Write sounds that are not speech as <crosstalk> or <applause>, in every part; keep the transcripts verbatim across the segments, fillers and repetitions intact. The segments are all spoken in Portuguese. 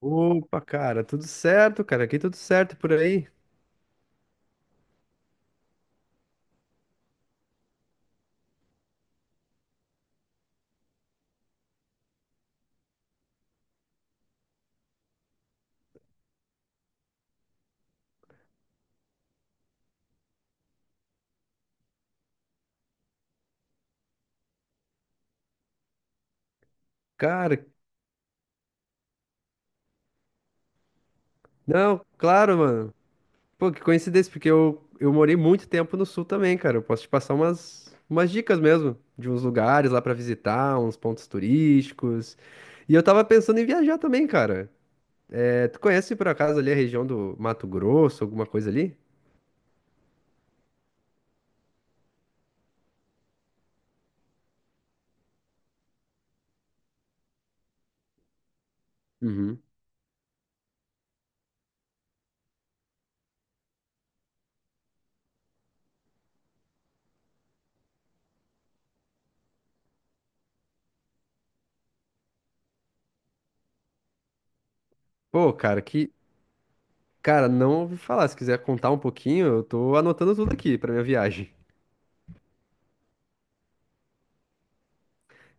Opa, cara, tudo certo, cara. Aqui tudo certo por aí. Cara, não, claro, mano. Pô, que coincidência, porque eu, eu morei muito tempo no sul também, cara. Eu posso te passar umas, umas dicas mesmo, de uns lugares lá pra visitar, uns pontos turísticos. E eu tava pensando em viajar também, cara. É, tu conhece por acaso ali a região do Mato Grosso, alguma coisa ali? Uhum. Pô, cara, que. Cara, não ouvi falar. Se quiser contar um pouquinho, eu tô anotando tudo aqui pra minha viagem.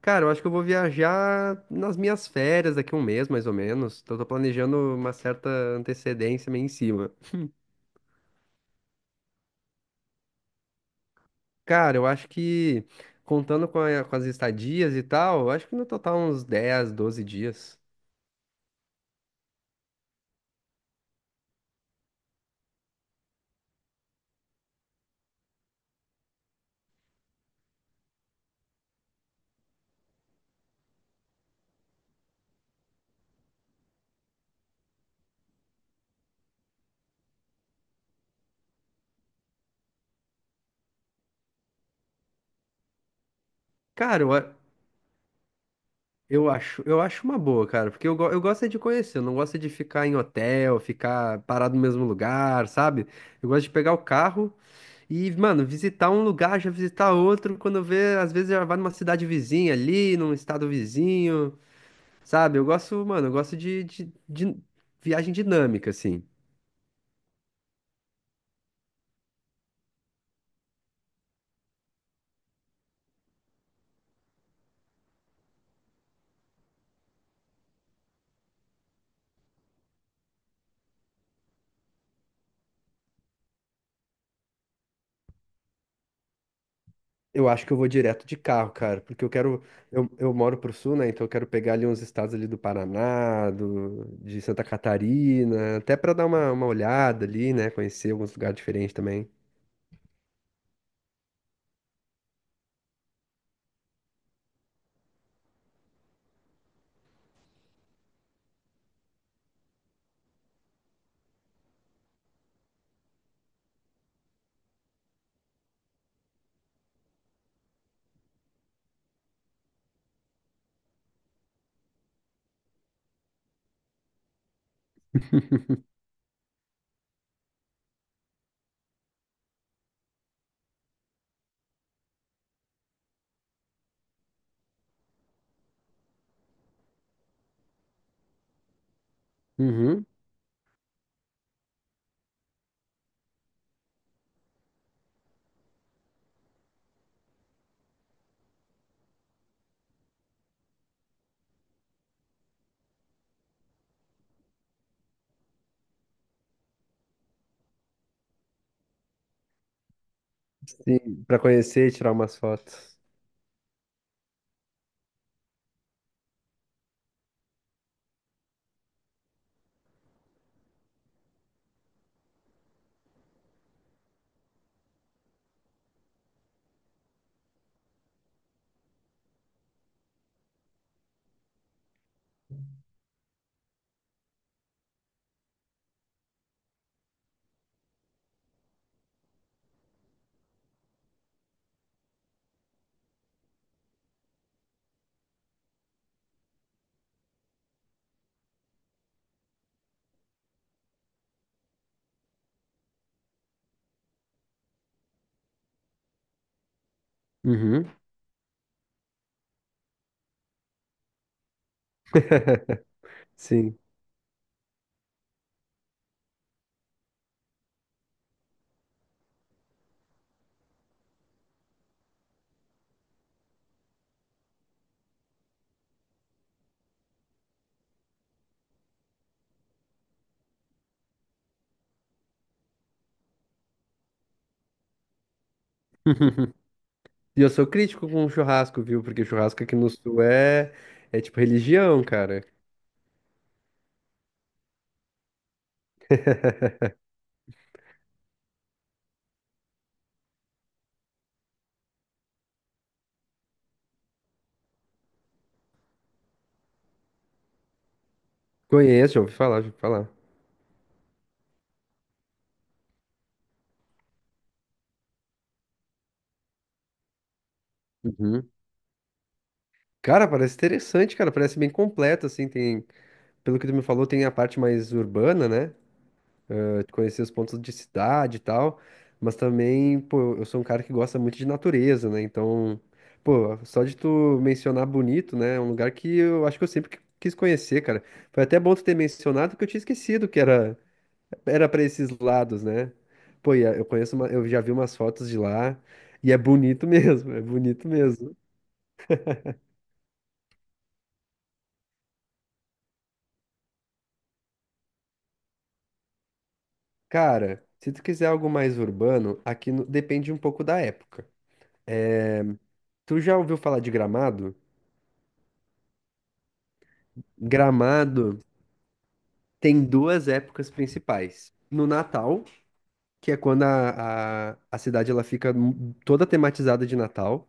Cara, eu acho que eu vou viajar nas minhas férias daqui a um mês, mais ou menos. Então, eu tô planejando uma certa antecedência meio em cima. Cara, eu acho que contando com, a- com as estadias e tal, eu acho que no total uns dez, doze dias. Cara, eu, a- eu acho, eu acho uma boa, cara, porque eu, go- eu gosto é de conhecer, eu não gosto é de ficar em hotel, ficar parado no mesmo lugar, sabe? Eu gosto de pegar o carro e, mano, visitar um lugar, já visitar outro, quando vê, às vezes já vai numa cidade vizinha ali, num estado vizinho. Sabe, eu gosto, mano, eu gosto de, de, de viagem dinâmica, assim. Eu acho que eu vou direto de carro, cara, porque eu quero. Eu, eu moro pro sul, né? Então eu quero pegar ali uns estados ali do Paraná, do, de Santa Catarina, até pra dar uma, uma olhada ali, né? Conhecer alguns lugares diferentes também. Uhum. Sim, pra conhecer e tirar umas fotos. Uhum. Sim. <laughs> E eu sou crítico com churrasco, viu? Porque churrasco aqui no sul é, é tipo religião, cara. Conheço, já ouvi falar, já ouvi falar. Uhum. Cara, parece interessante, cara. Parece bem completo, assim. Tem, pelo que tu me falou, tem a parte mais urbana, né? Eh, de conhecer os pontos de cidade e tal. Mas também, pô, eu sou um cara que gosta muito de natureza, né? Então, pô, só de tu mencionar Bonito, né? É um lugar que eu acho que eu sempre qui- quis conhecer, cara. Foi até bom tu ter mencionado, que eu tinha esquecido que era era para esses lados, né? Pô, e a- eu conheço, uma- eu já vi umas fotos de lá e é bonito mesmo, <laughs> é bonito mesmo. Cara, se tu quiser algo mais urbano, aqui no- depende um pouco da época. Tu já ouviu falar de Gramado? Gramado tem duas épocas principais. No Natal, que é quando a, a, a cidade ela fica toda tematizada de Natal,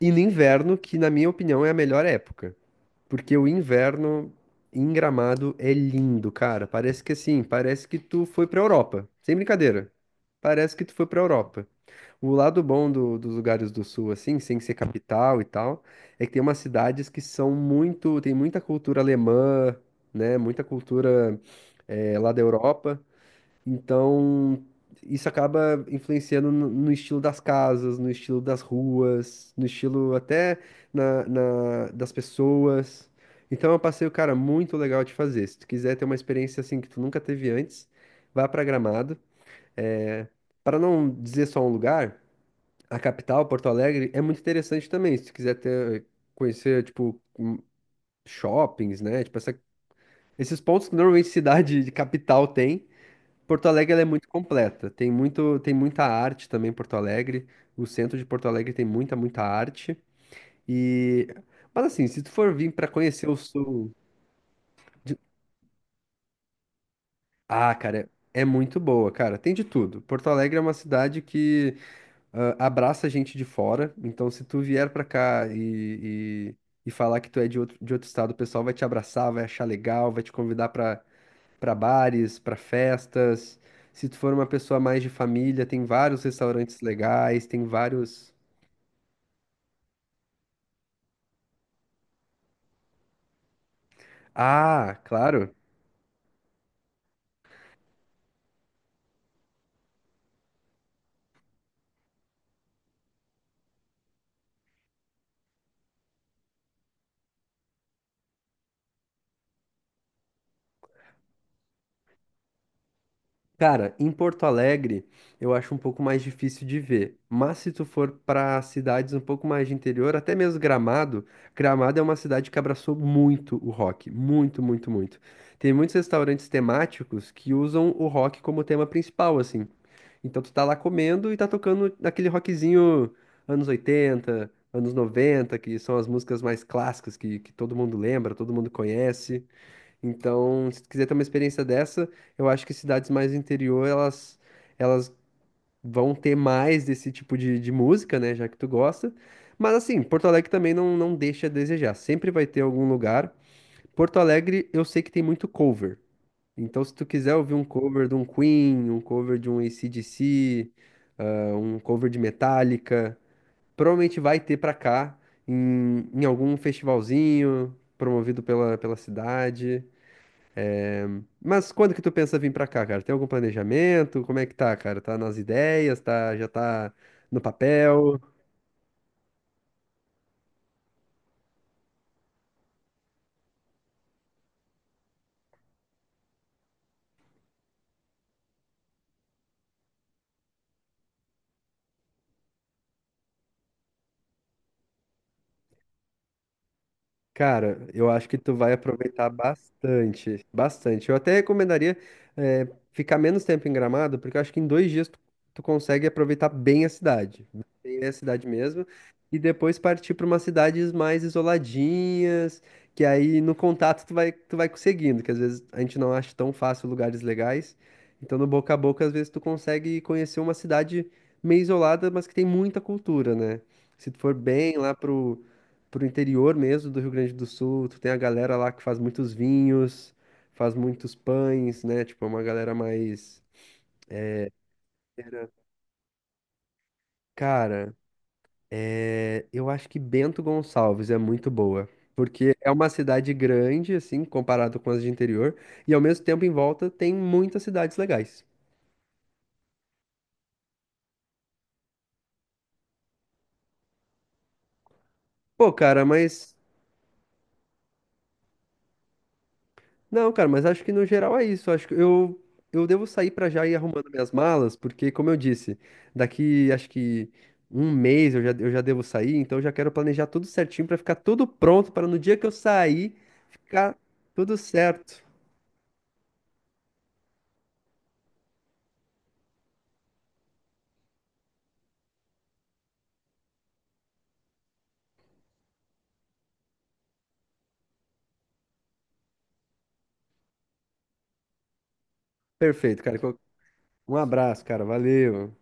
e no inverno, que na minha opinião é a melhor época. Porque o inverno em Gramado é lindo, cara. Parece que assim, parece que tu foi pra Europa. Sem brincadeira. Parece que tu foi pra Europa. O lado bom do- dos lugares do sul, assim, sem ser capital e tal, é que tem umas cidades que são muito, tem muita cultura alemã, né? Muita cultura eh, lá da Europa. Então, isso acaba influenciando no, no estilo das casas, no estilo das ruas, no estilo até na, na- das pessoas. Então, é um passeio, cara, muito legal de fazer. Se tu quiser ter uma experiência assim que tu nunca teve antes, vá pra Gramado. É, para não dizer só um lugar, a capital, Porto Alegre, é muito interessante também. Se tu quiser ter, conhecer, tipo, hum, shoppings, né? Tipo, essa- esses pontos que normalmente cidade de capital tem. Porto Alegre ela é muito completa. Tem muito, tem muita arte também em Porto Alegre. O centro de Porto Alegre tem muita, muita arte. E mas assim, se tu for vir para conhecer o sul, de- ah, cara, é muito boa, cara. Tem de tudo. Porto Alegre é uma cidade que ah, abraça gente de fora. Então, se tu vier para cá e, e, e falar que tu é de outro, de outro estado, o pessoal vai te abraçar, vai achar legal, vai te convidar para para bares, para festas. Se tu for uma pessoa mais de família, tem vários restaurantes legais, tem vários. Ah, claro. Cara, em Porto Alegre eu acho um pouco mais difícil de ver, mas se tu for para cidades um pouco mais de interior, até mesmo Gramado, Gramado é uma cidade que abraçou muito o rock, muito, muito, muito. Tem muitos restaurantes temáticos que usam o rock como tema principal, assim. Então tu tá lá comendo e tá tocando aquele rockzinho anos oitenta, anos noventa, que são as músicas mais clássicas que, que todo mundo lembra, todo mundo conhece. Então, se tu quiser ter uma experiência dessa, eu acho que cidades mais do interior, elas, elas vão ter mais desse tipo de, de música, né? Já que tu gosta. Mas assim, Porto Alegre também não, não deixa a desejar. Sempre vai ter algum lugar. Porto Alegre, eu sei que tem muito cover. Então, se tu quiser ouvir um cover de um Queen, um cover de um A C/D C, ah, um cover de Metallica, provavelmente vai ter pra cá, em, em algum festivalzinho promovido pela, pela cidade. Mas quando que tu pensa vir pra cá, cara? Tem algum planejamento? Como é que tá, cara? Tá nas ideias? Tá, já tá no papel? Cara, eu acho que tu vai aproveitar bastante, bastante. Eu até recomendaria eh, ficar menos tempo em Gramado, porque eu acho que em dois dias tu, tu consegue aproveitar bem a cidade, né? bem a cidade mesmo, e depois partir para umas cidades mais isoladinhas, que aí no contato tu vai, tu vai conseguindo, que às vezes a gente não acha tão fácil lugares legais. Então no boca a boca, às vezes tu consegue conhecer uma cidade meio isolada, mas que tem muita cultura, né? Se tu for bem lá pro pro interior mesmo do Rio Grande do Sul. Tu tem a galera lá que faz muitos vinhos, faz muitos pães, né? Tipo, é uma galera mais. Era- Cara, é, eu acho que Bento Gonçalves é muito boa. Porque é uma cidade grande, assim, comparado com as de interior, e ao mesmo tempo em volta tem muitas cidades legais. Pô, cara, mas Não, cara, mas acho que no geral é isso. Acho que eu, eu devo sair pra já ir arrumando minhas malas, porque, como eu disse, daqui acho que um mês eu já, eu já devo sair, então eu já quero planejar tudo certinho pra ficar tudo pronto para no dia que eu sair ficar tudo certo. Perfeito, cara. Um abraço, cara. Valeu.